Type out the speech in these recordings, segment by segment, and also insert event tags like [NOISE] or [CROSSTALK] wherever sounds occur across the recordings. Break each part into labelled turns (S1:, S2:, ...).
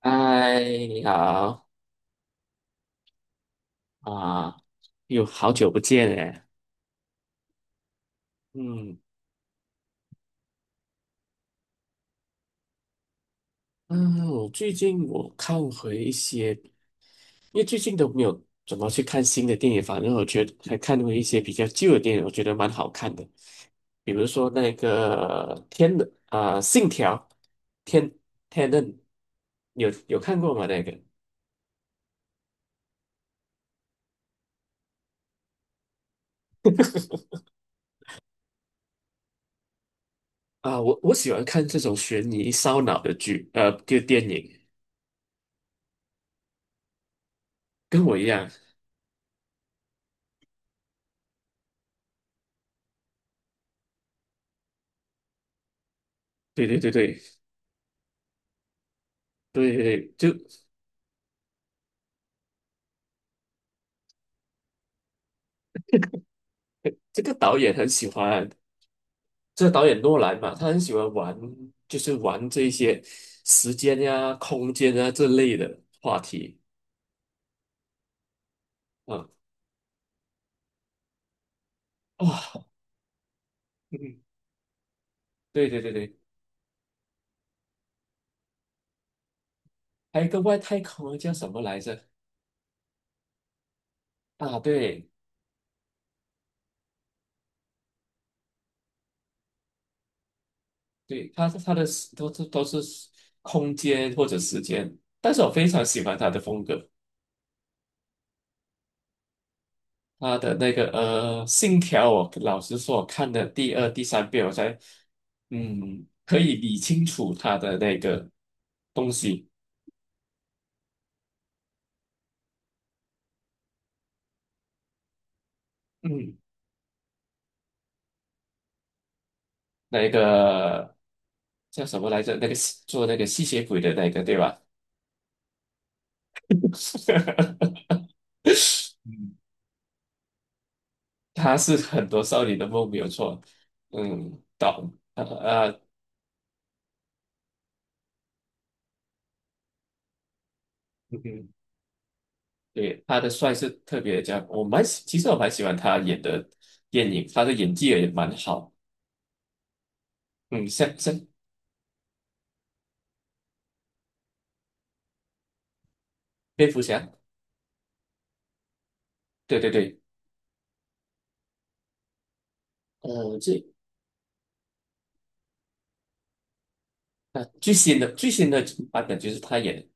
S1: 嗨，你好啊，又好久不见哎。嗯嗯，我最近看回一些，因为最近都没有怎么去看新的电影，反正我觉得还看过一些比较旧的电影，我觉得蛮好看的。比如说那个《天》的啊，信条》《天天 e 有看过吗？那个啊，我喜欢看这种悬疑烧脑的剧，就电影，跟我一样。对对对。对对，对，就这个导演很喜欢，这个导演诺兰嘛，他很喜欢玩，就是玩这一些时间呀、空间啊这类的话题啊。哇，嗯，对对对对，还有一个外太空人叫什么来着？啊，对对，他的都是空间或者时间，但是我非常喜欢他的风格。他的那个《信条》，我老实说，我看的第二、第三遍，我才可以理清楚他的那个东西，嗯，那个叫什么来着？那个吸血鬼的那个，对吧？[LAUGHS] 嗯，他是很多少女的梦，没有错。嗯，导呃呃，嗯哼，对，他的帅是特别加，我蛮喜，其实我蛮喜欢他演的电影，他的演技也蛮好。嗯，像蝙蝠侠，对对对，呃，最最新的版本就是他演的，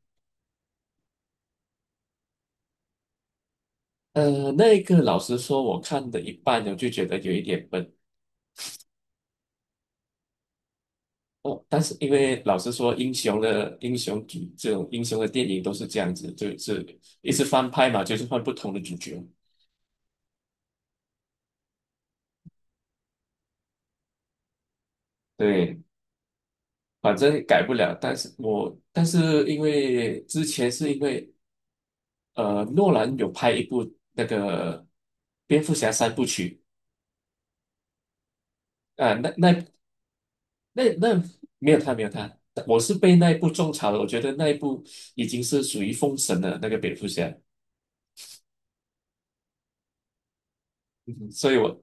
S1: 那个老实说，我看的一半呢，我就觉得有一点笨哦。但是因为老实说，英雄的英雄主这种英雄的电影都是这样子，就是一直翻拍嘛，就是换不同的主角。对，反正改不了。但是因为之前是因为诺兰有拍一部那个蝙蝠侠三部曲。啊，那那那那没有他，没有他，我是被那一部种草的。我觉得那一部已经是属于封神了，那个蝙蝠侠，嗯所以我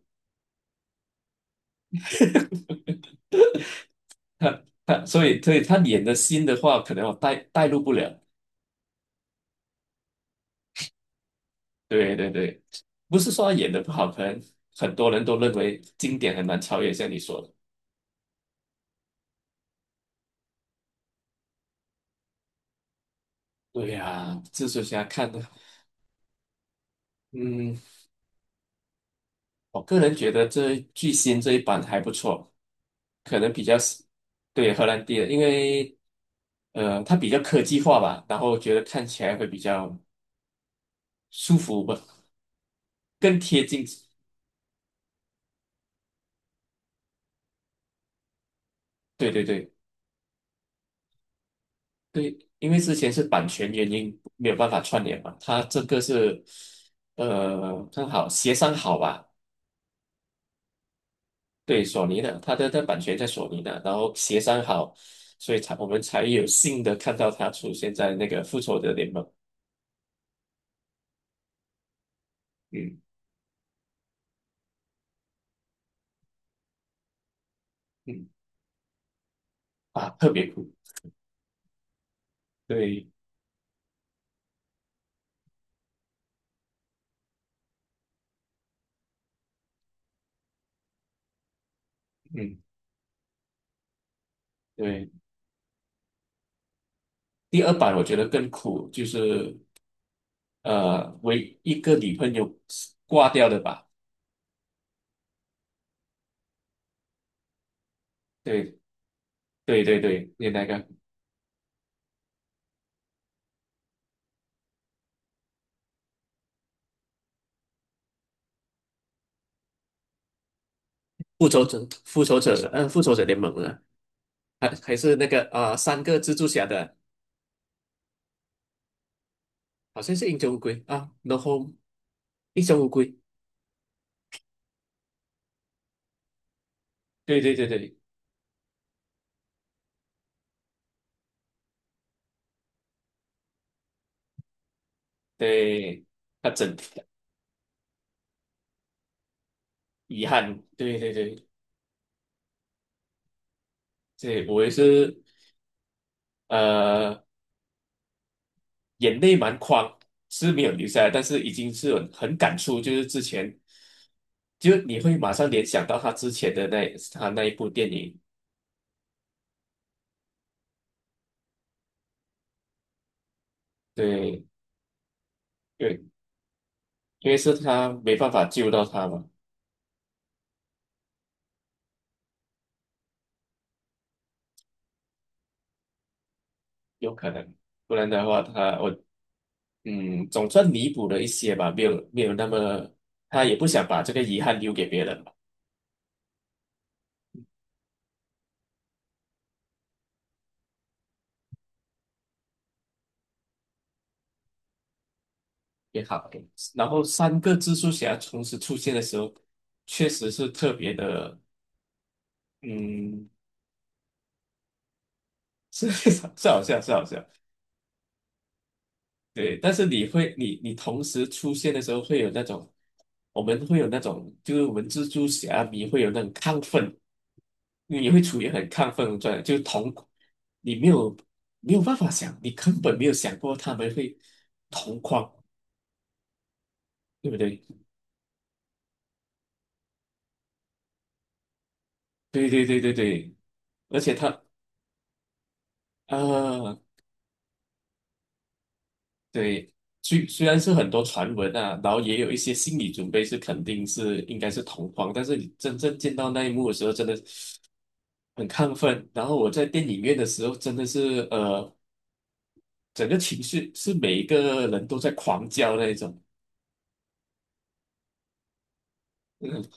S1: [LAUGHS] 所以他演的新的话，可能我带入不了。对对对，不是说他演的不好，可能很多人都认为经典很难超越，像你说的。对呀、蜘蛛侠看的，嗯，我个人觉得这巨星这一版还不错，可能比较喜对荷兰弟的，因为它比较科技化吧，然后觉得看起来会比较舒服吧，更贴近。对对对对，因为之前是版权原因没有办法串联嘛，它这个是刚好协商好吧，对索尼的，它版权在索尼的，然后协商好，所以才我们才有幸的看到它出现在那个复仇者联盟，嗯嗯啊，特别酷，对，嗯对，第二版我觉得更酷，就是为一个女朋友挂掉的吧？对对对对，你那个复仇者联盟了，还是那个三个蜘蛛侠的，好像是英雄乌龟英雄乌龟，对对对对对，他整遗憾，对对对对，我也是呃眼泪蛮眶是没有留下来，但是已经是很感触，就是之前就你会马上联想到他之前的那一部电影。对，对，因为是他没办法救到他嘛，有可能，不然的话他我嗯总算弥补了一些吧，没有没有那么他也不想把这个遗憾留给别人嘛，也好，OK。然后三个蜘蛛侠同时出现的时候，确实是特别的，嗯，是 [LAUGHS] 是好笑是好笑，对，但是你会，你同时出现的时候，会有那种，我们会有那种，就是我们蜘蛛侠迷会有那种亢奋，你会处于很亢奋的状态，就是同，你没有办法想，你根本没有想过他们会同框，对不对？对对对对对，而且他啊，对，虽然是很多传闻啊，然后也有一些心理准备是肯定是应该是同框，但是你真正见到那一幕的时候，真的。很亢奋。然后我在电影院的时候，真的是整个情绪是每一个人都在狂叫那一种。嗯，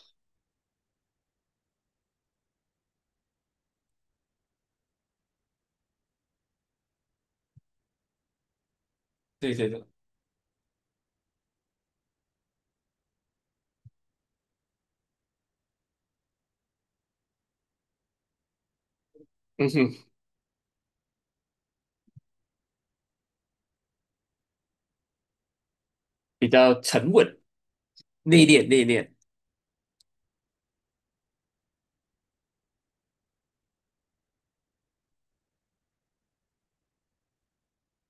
S1: 对对对，嗯哼，比较沉稳、内敛、内敛，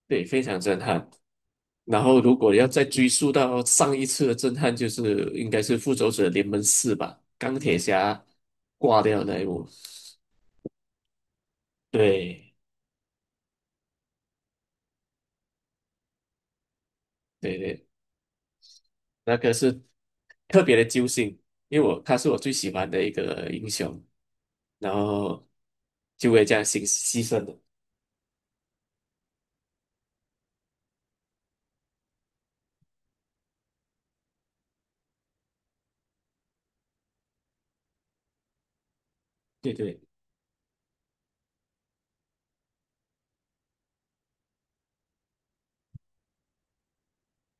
S1: 对，非常震撼。然后如果要再追溯到上一次的震撼，就是应该是《复仇者联盟四》吧，钢铁侠挂掉那一幕。对对对那个是特别的揪心，因为他是我最喜欢的一个英雄，然后就会这样牺牲的。对对，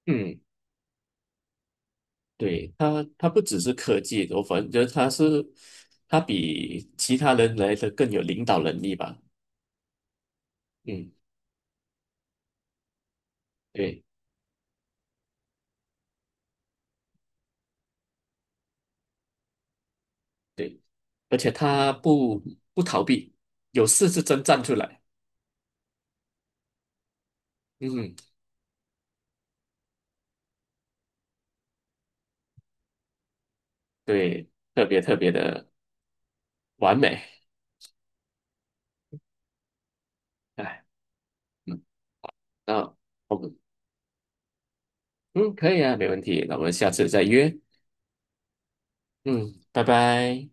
S1: 嗯，对，他不只是科技，我反正觉得他比其他人来的更有领导能力吧。嗯，对对，而且他不逃避，有事是真站出来。嗯，对，特别特别的完美。哎，嗯，那我们。嗯，可以啊，没问题。那我们下次再约。嗯，拜拜。